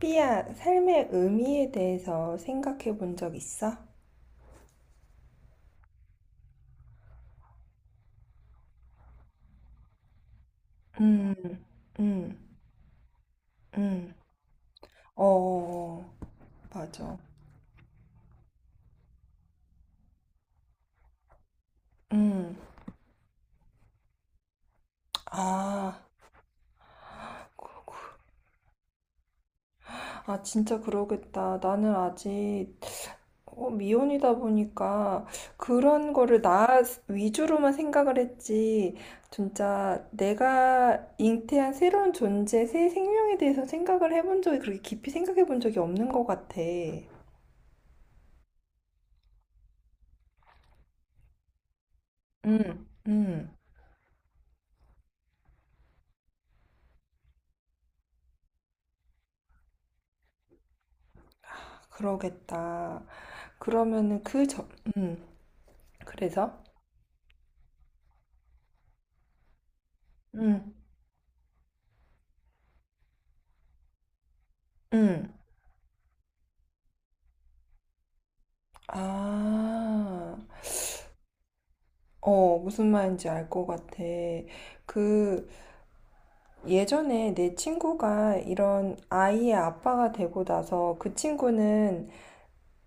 삐야, 삶의 의미에 대해서 생각해 본 적 있어? 음, 음, 음. 어, 맞아. 음. 아, 그러고. 아, 진짜 그러겠다. 나는 아직 미혼이다 보니까 그런 거를 나 위주로만 생각을 했지. 진짜 내가 잉태한 새로운 존재, 새 생명에 대해서 생각을 해본 적이 그렇게 깊이 생각해 본 적이 없는 것 같아. 음, 음. 그러겠다. 그러면은 그 점, 음, 그래서? 음, 음, 아, 무슨 말인지 알 것 같아. 그, 예전에 내 친구가 이런 아이의 아빠가 되고 나서 그 친구는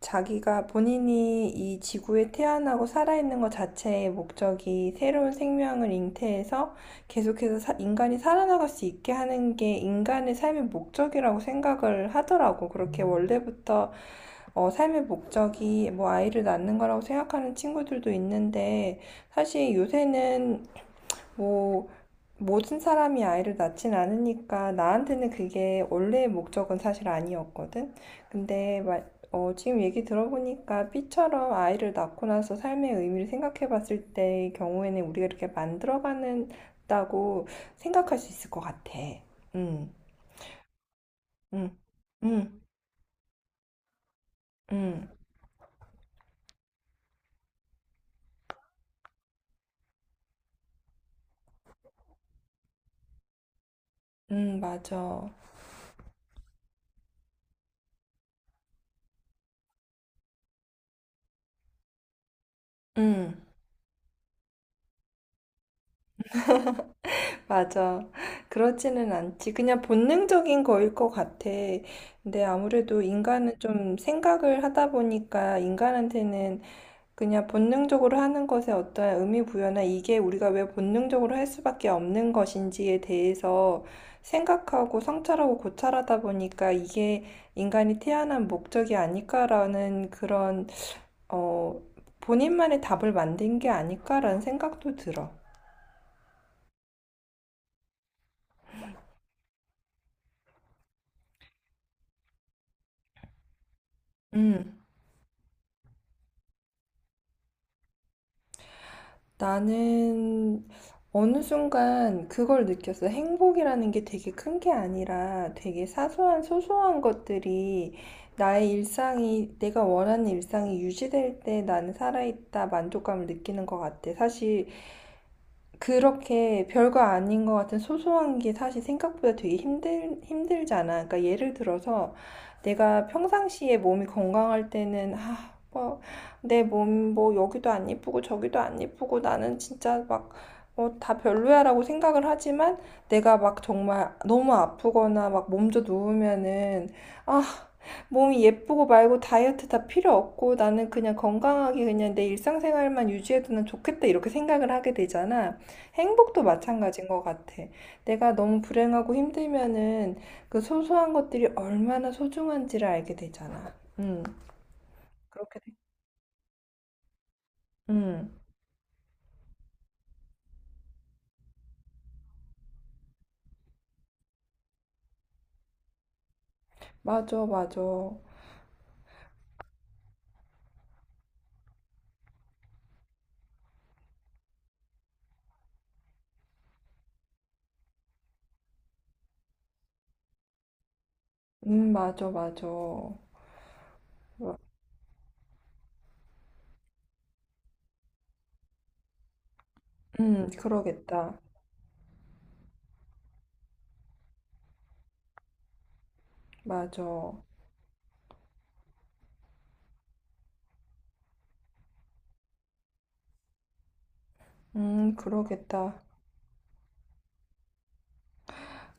자기가 본인이 이 지구에 태어나고 살아있는 것 자체의 목적이 새로운 생명을 잉태해서 계속해서 인간이 살아나갈 수 있게 하는 게 인간의 삶의 목적이라고 생각을 하더라고. 그렇게 원래부터 삶의 목적이 뭐 아이를 낳는 거라고 생각하는 친구들도 있는데 사실 요새는 뭐 모든 사람이 아이를 낳진 않으니까 나한테는 그게 원래의 목적은 사실 아니었거든. 근데 지금 얘기 들어보니까 B처럼 아이를 낳고 나서 삶의 의미를 생각해 봤을 때의 경우에는 우리가 이렇게 만들어가는다고 생각할 수 있을 것 같아. 응, 응, 응, 응, 응, 맞아. 응. 맞아. 그렇지는 않지. 그냥 본능적인 거일 것 같아. 근데 아무래도 인간은 좀 생각을 하다 보니까 인간한테는 그냥 본능적으로 하는 것에 어떠한 의미 부여나 이게 우리가 왜 본능적으로 할 수밖에 없는 것인지에 대해서 생각하고 성찰하고 고찰하다 보니까 이게 인간이 태어난 목적이 아닐까라는 그런, 어, 본인만의 답을 만든 게 아닐까라는 생각도 들어. 음. 나는 어느 순간 그걸 느꼈어. 행복이라는 게 되게 큰게 아니라 되게 사소한 소소한 것들이 나의 일상이 내가 원하는 일상이 유지될 때 나는 살아있다 만족감을 느끼는 것 같아. 사실 그렇게 별거 아닌 것 같은 소소한 게 사실 생각보다 되게 힘들잖아. 그러니까 예를 들어서 내가 평상시에 몸이 건강할 때는, 아, 뭐, 내 몸 뭐 여기도 안 예쁘고 저기도 안 예쁘고 나는 진짜 막, 다 별로야라고 생각을 하지만 내가 막 정말 너무 아프거나 막 몸져 누우면은, 아, 몸이 예쁘고 말고 다이어트 다 필요 없고 나는 그냥 건강하게 그냥 내 일상생활만 유지해두면 좋겠다 이렇게 생각을 하게 되잖아. 행복도 마찬가지인 것 같아. 내가 너무 불행하고 힘들면은 그 소소한 것들이 얼마나 소중한지를 알게 되잖아. 그렇게 돼. 음, 맞아, 맞아. 맞아, 맞아. 그러겠다. 맞아. 그러겠다.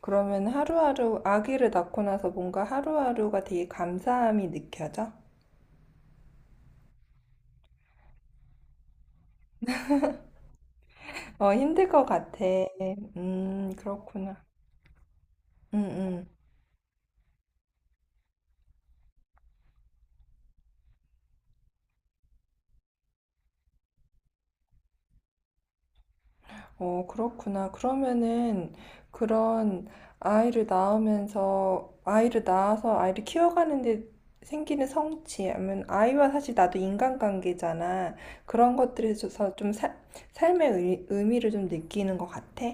그러면 하루하루 아기를 낳고 나서 뭔가 하루하루가 되게 감사함이 느껴져? 어, 힘들 것 같아. 그렇구나. 음, 음. 어, 그렇구나. 그러면은 그런 아이를 낳으면서 아이를 낳아서 아이를 키워가는데 생기는 성취, 아니면 아이와 사실 나도 인간관계잖아. 그런 것들에 있어서 좀 삶의 의미를 좀 느끼는 것 같아.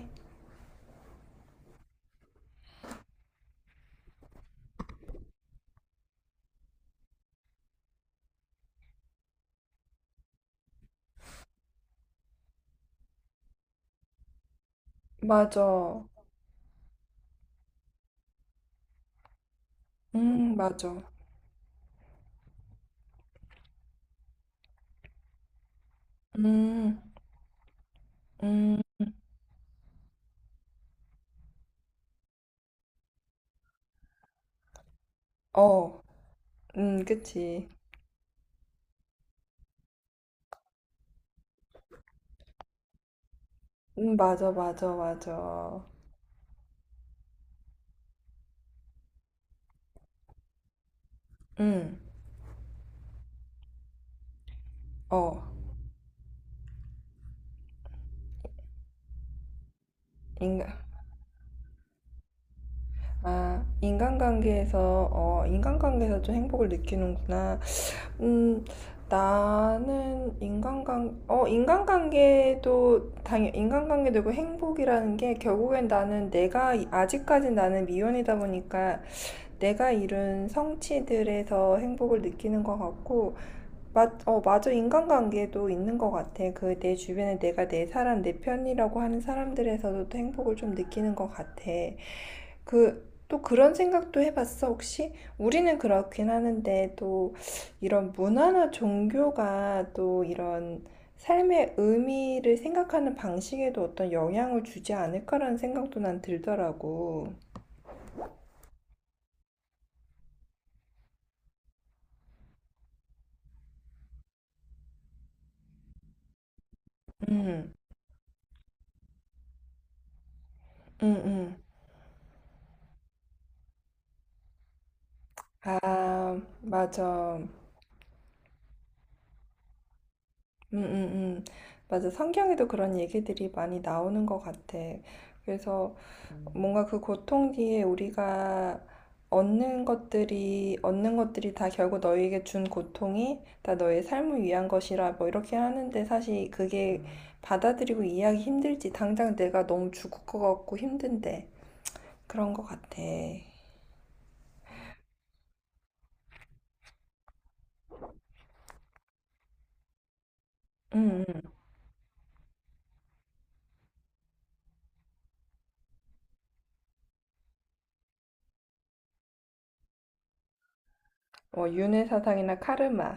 맞아. 맞아. 음, 음, 어, 그치. 맞아, 맞아, 맞아. 음, 어. 인간, 인간관계에서 좀 행복을 느끼는구나. 음, 나는 인간관계도 있고 행복이라는 게 결국엔 나는 내가, 아직까지 나는 미혼이다 보니까 내가 이룬 성취들에서 행복을 느끼는 것 같고, 맞아. 인간관계도 있는 것 같아. 그 내 주변에 내가 내 사람, 내 편이라고 하는 사람들에서도 또 행복을 좀 느끼는 것 같아. 또 그런 생각도 해봤어, 혹시? 우리는 그렇긴 하는데, 또 이런 문화나 종교가 또 이런 삶의 의미를 생각하는 방식에도 어떤 영향을 주지 않을까라는 생각도 난 들더라고. 음, 음, 음. 아, 맞아. 음, 음. 맞아. 성경에도 그런 얘기들이 많이 나오는 것 같아. 그래서 뭔가 그 고통 뒤에 우리가 얻는 것들이, 얻는 것들이 다 결국 너에게 준 고통이 다 너의 삶을 위한 것이라 뭐 이렇게 하는데 사실 그게 받아들이고 이해하기 힘들지. 당장 내가 너무 죽을 것 같고 힘든데. 그런 것 같아. 음. 뭐, 윤회 사상이나 카르마.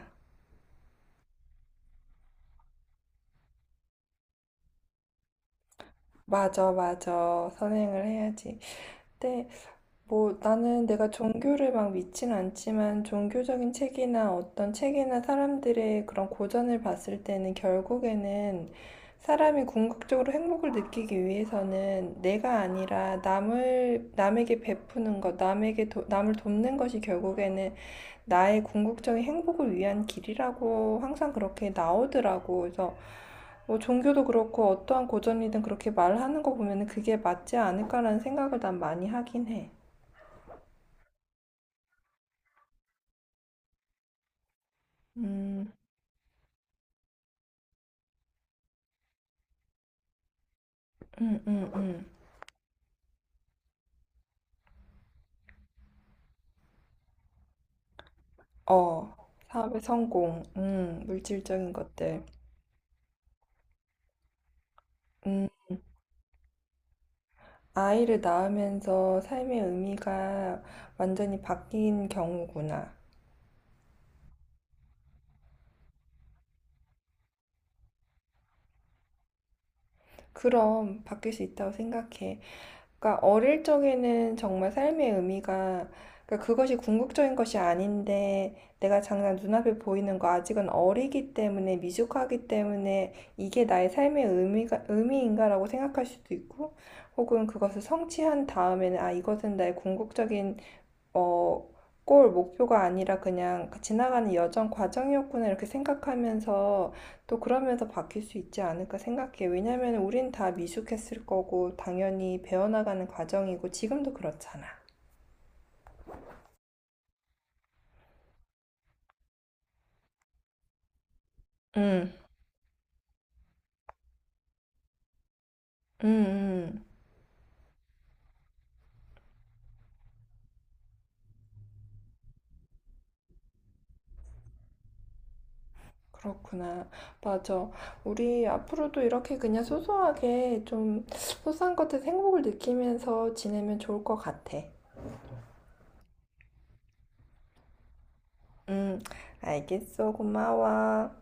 맞아, 맞아. 선행을 해야지. 근데 뭐 나는 내가 종교를 막 믿진 않지만 종교적인 책이나 어떤 책이나 사람들의 그런 고전을 봤을 때는 결국에는 사람이 궁극적으로 행복을 느끼기 위해서는 내가 아니라 남을 남에게 베푸는 것, 남에게 남을 돕는 것이 결국에는 나의 궁극적인 행복을 위한 길이라고 항상 그렇게 나오더라고. 그래서 뭐 종교도 그렇고 어떠한 고전이든 그렇게 말하는 거 보면은 그게 맞지 않을까라는 생각을 난 많이 하긴 해. 음, 음, 음, 음. 어, 사업의 성공, 물질적인 것들. 음, 아이를 낳으면서 삶의 의미가 완전히 바뀐 경우구나. 그럼 바뀔 수 있다고 생각해. 그러니까 어릴 적에는 정말 삶의 의미가 그러니까 그것이 궁극적인 것이 아닌데 내가 당장 눈앞에 보이는 거 아직은 어리기 때문에 미숙하기 때문에 이게 나의 삶의 의미가 의미인가라고 생각할 수도 있고 혹은 그것을 성취한 다음에는 아 이것은 나의 궁극적인 어, 골 목표가 아니라 그냥 그 지나가는 여정 과정이었구나 이렇게 생각하면서 또 그러면서 바뀔 수 있지 않을까 생각해. 왜냐면 우린 다 미숙했을 거고 당연히 배워나가는 과정이고 지금도 그렇잖아. 응, 응, 응. 그렇구나. 맞아. 우리 앞으로도 이렇게 그냥 소소하게 좀 소소한 것들 행복을 느끼면서 지내면 좋을 것 같아. 응, 알겠어. 고마워.